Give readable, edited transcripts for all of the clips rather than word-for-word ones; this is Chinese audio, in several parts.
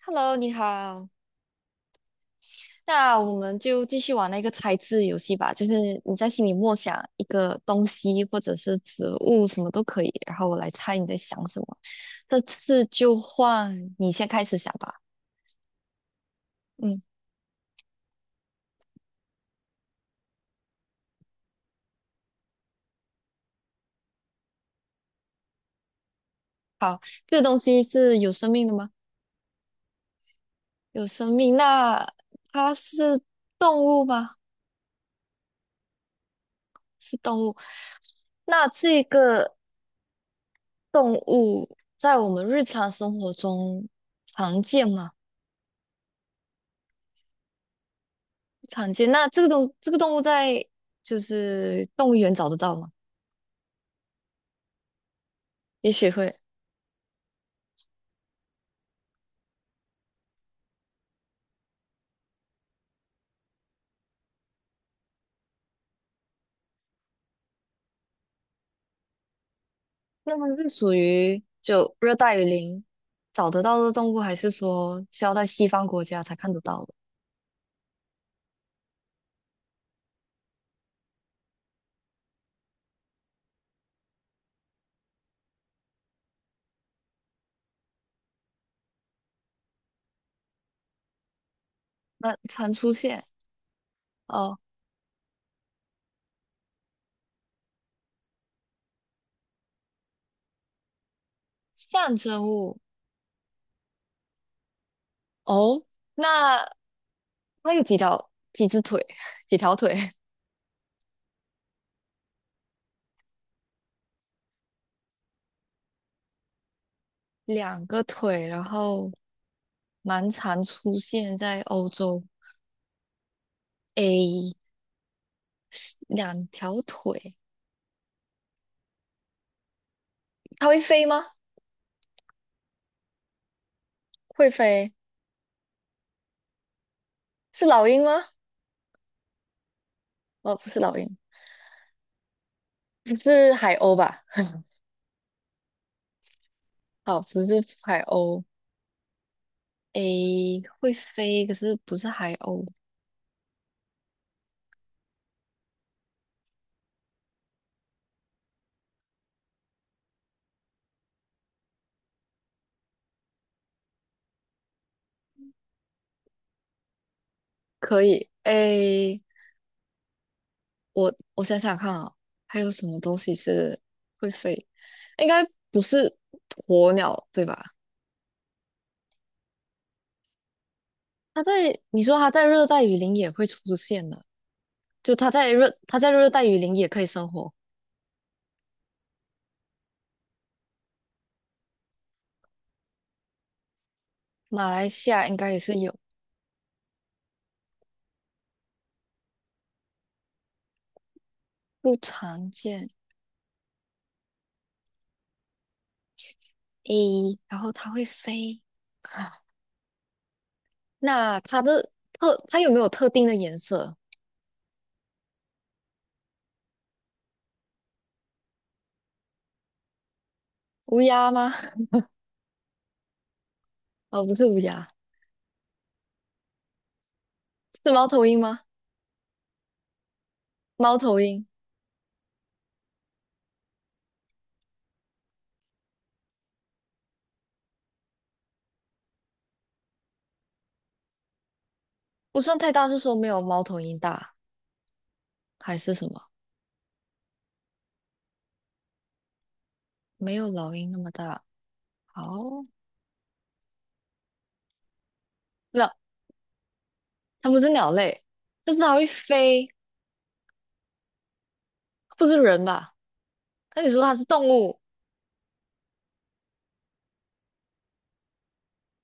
Hello，你好。那我们就继续玩那个猜字游戏吧，就是你在心里默想一个东西或者是植物，什么都可以，然后我来猜你在想什么。这次就换你先开始想吧。嗯，好，这个东西是有生命的吗？有生命，那它是动物吗？是动物。那这个动物在我们日常生活中常见吗？常见。那这个东这个动物在就是动物园找得到吗？也许会。那么是属于就热带雨林找得到的动物，还是说是要在西方国家才看得到的？那常出现哦，象征物哦。那它有几条几只腿？几条腿？两个腿，然后蛮常出现在欧洲。诶，两条腿，它会飞吗？会飞，是老鹰吗？哦，不是老鹰，是海鸥吧？好，不是海鸥。诶，会飞，可是不是海鸥。可以。诶，我想想看啊，还有什么东西是会飞？应该不是鸵鸟，对吧？它在，你说它在热带雨林也会出现的，就它在热，它在热带雨林也可以生活。马来西亚应该也是有，不常见。诶，然后它会飞。那它的特，它有没有特定的颜色？乌鸦吗？哦，不是乌鸦，是猫头鹰吗？猫头鹰不算太大，是说没有猫头鹰大，还是什么？没有老鹰那么大。好，那它不是鸟类，但是它会飞，不是人吧？那你说它是动物？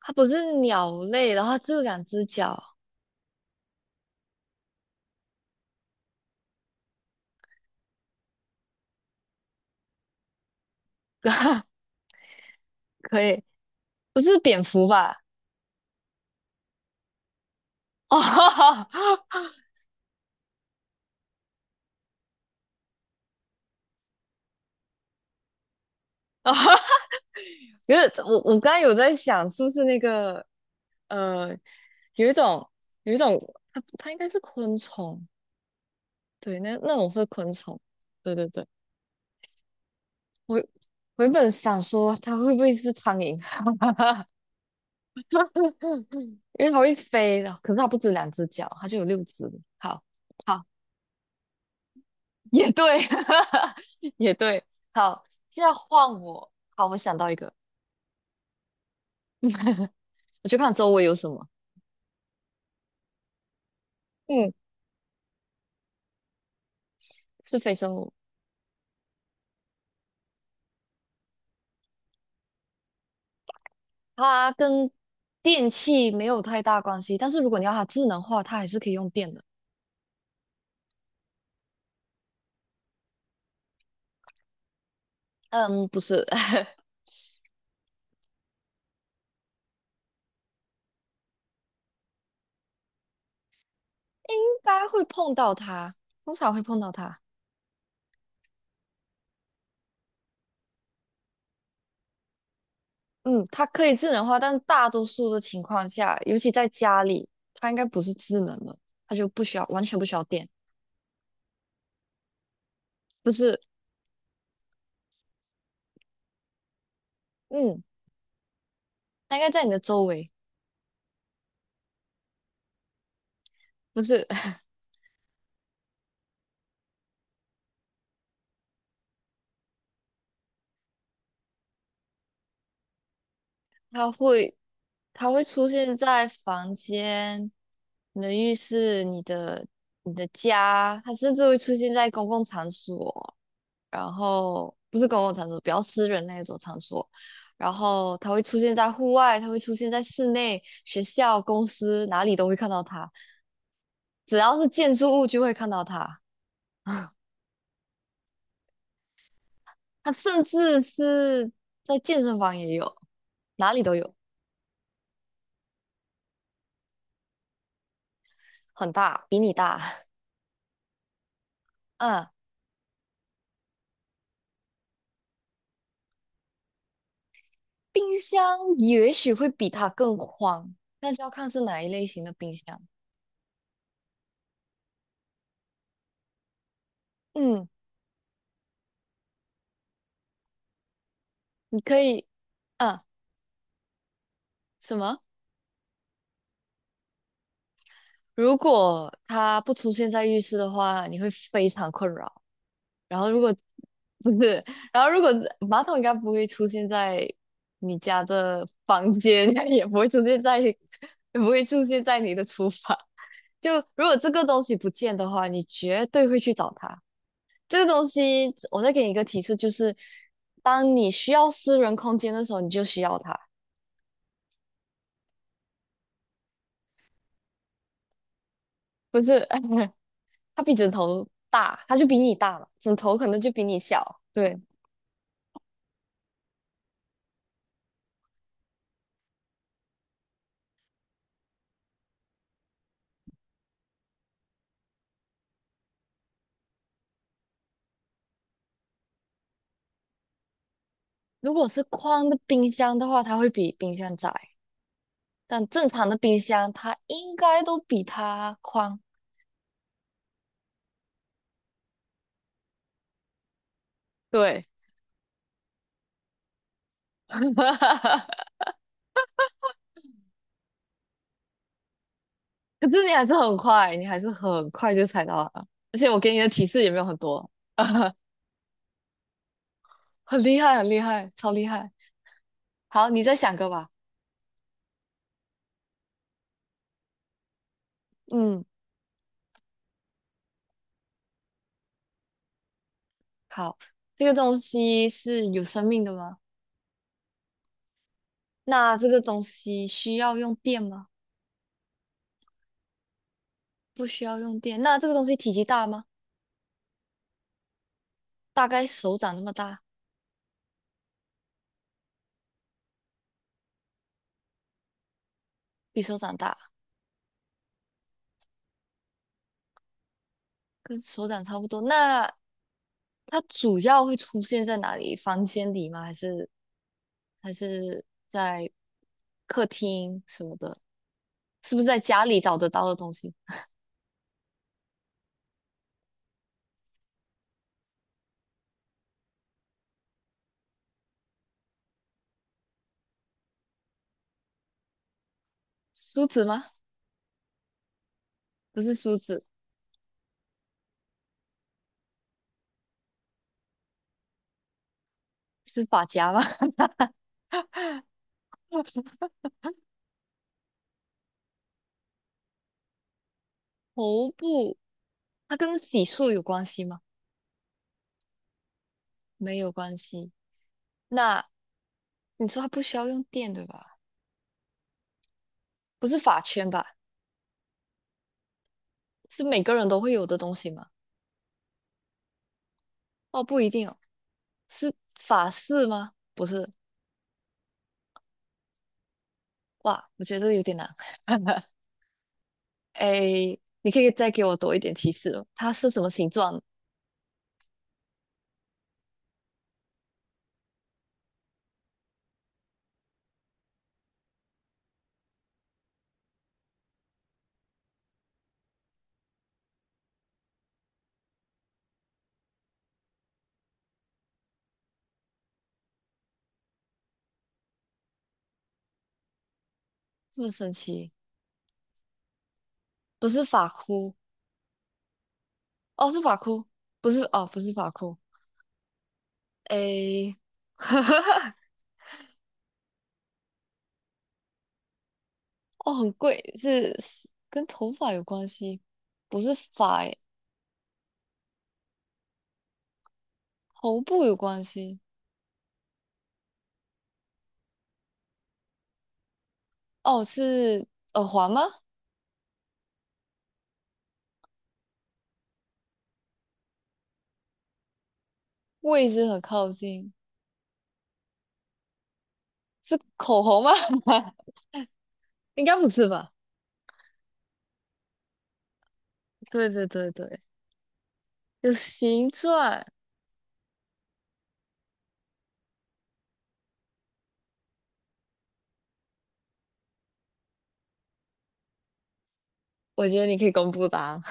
它不是鸟类，然后它只有两只脚，可以，不是蝙蝠吧？哦，可是我刚才有在想，是不是那个？呃，有一种有一种，它应该是昆虫，对，那那种是昆虫，对对对，我我原本想说它会不会是苍蝇，因为它会飞的，可是它不止两只脚，它就有六只。好，好，也对，也对，好，现在换我，好，我想到一个，我去看周围有什么，嗯，是非生物，它跟电器没有太大关系，但是如果你要它智能化，它还是可以用电的。嗯，不是，应该会碰到它，通常会碰到它。嗯，它可以智能化，但大多数的情况下，尤其在家里，它应该不是智能的，它就不需要，完全不需要电。不是，嗯，它应该在你的周围，不是，它会，它会出现在房间、你的浴室、你的、你的家，它甚至会出现在公共场所。然后不是公共场所，比较私人那一种场所，然后它会出现在户外，它会出现在室内、学校、公司哪里都会看到它，只要是建筑物就会看到它，它甚至是在健身房也有，哪里都有，很大，比你大。嗯，冰箱也许会比它更宽，那就要看是哪一类型的冰箱。嗯，你可以，嗯，什么？如果它不出现在浴室的话，你会非常困扰。然后如果不是，然后如果马桶应该不会出现在你家的房间，也不会出现在，也不会出现在你的厨房。就如果这个东西不见的话，你绝对会去找它。这个东西，我再给你一个提示，就是当你需要私人空间的时候，你就需要它。不是，它比枕头大，它就比你大嘛，枕头可能就比你小。对，如果是宽的冰箱的话，它会比冰箱窄，但正常的冰箱它应该都比它宽。对，可是你还是很快，你还是很快就猜到了，而且我给你的提示也没有很多，很厉害，很厉害，超厉害。好，你再想个吧。嗯，好，这个东西是有生命的吗？那这个东西需要用电吗？不需要用电。那这个东西体积大吗？大概手掌那么大，比手掌大。跟手掌差不多。那它主要会出现在哪里？房间里吗？还是还是在客厅什么的？是不是在家里找得到的东西？梳子吗？不是梳子，是发夹吗？头部，它跟洗漱有关系吗？没有关系。那你说它不需要用电，对吧？不是发圈吧？是每个人都会有的东西吗？哦，不一定哦，是发饰吗？不是，哇，我觉得有点难。哎，你可以再给我多一点提示哦。它是什么形状？这么神奇？不是发箍，哦，是发箍，不是哦，不是发箍。哎，哦，很贵，是是跟头发有关系，不是发诶，头部有关系。哦，是耳环吗？位置很靠近，是口红吗？应该不是吧？对对对对，有形状。我觉得你可以公布答案，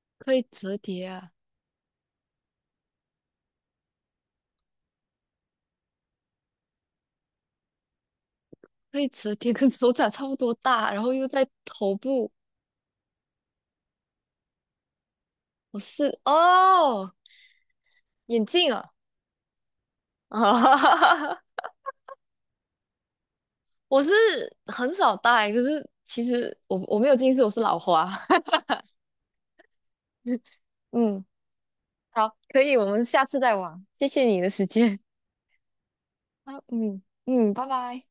可以折叠啊。可以折叠，跟手掌差不多大，然后又在头部。我是哦，眼镜啊，啊，我是很少戴，可是其实我没有近视，我是老花。嗯，好，可以，我们下次再玩。谢谢你的时间。啊，嗯嗯，拜拜。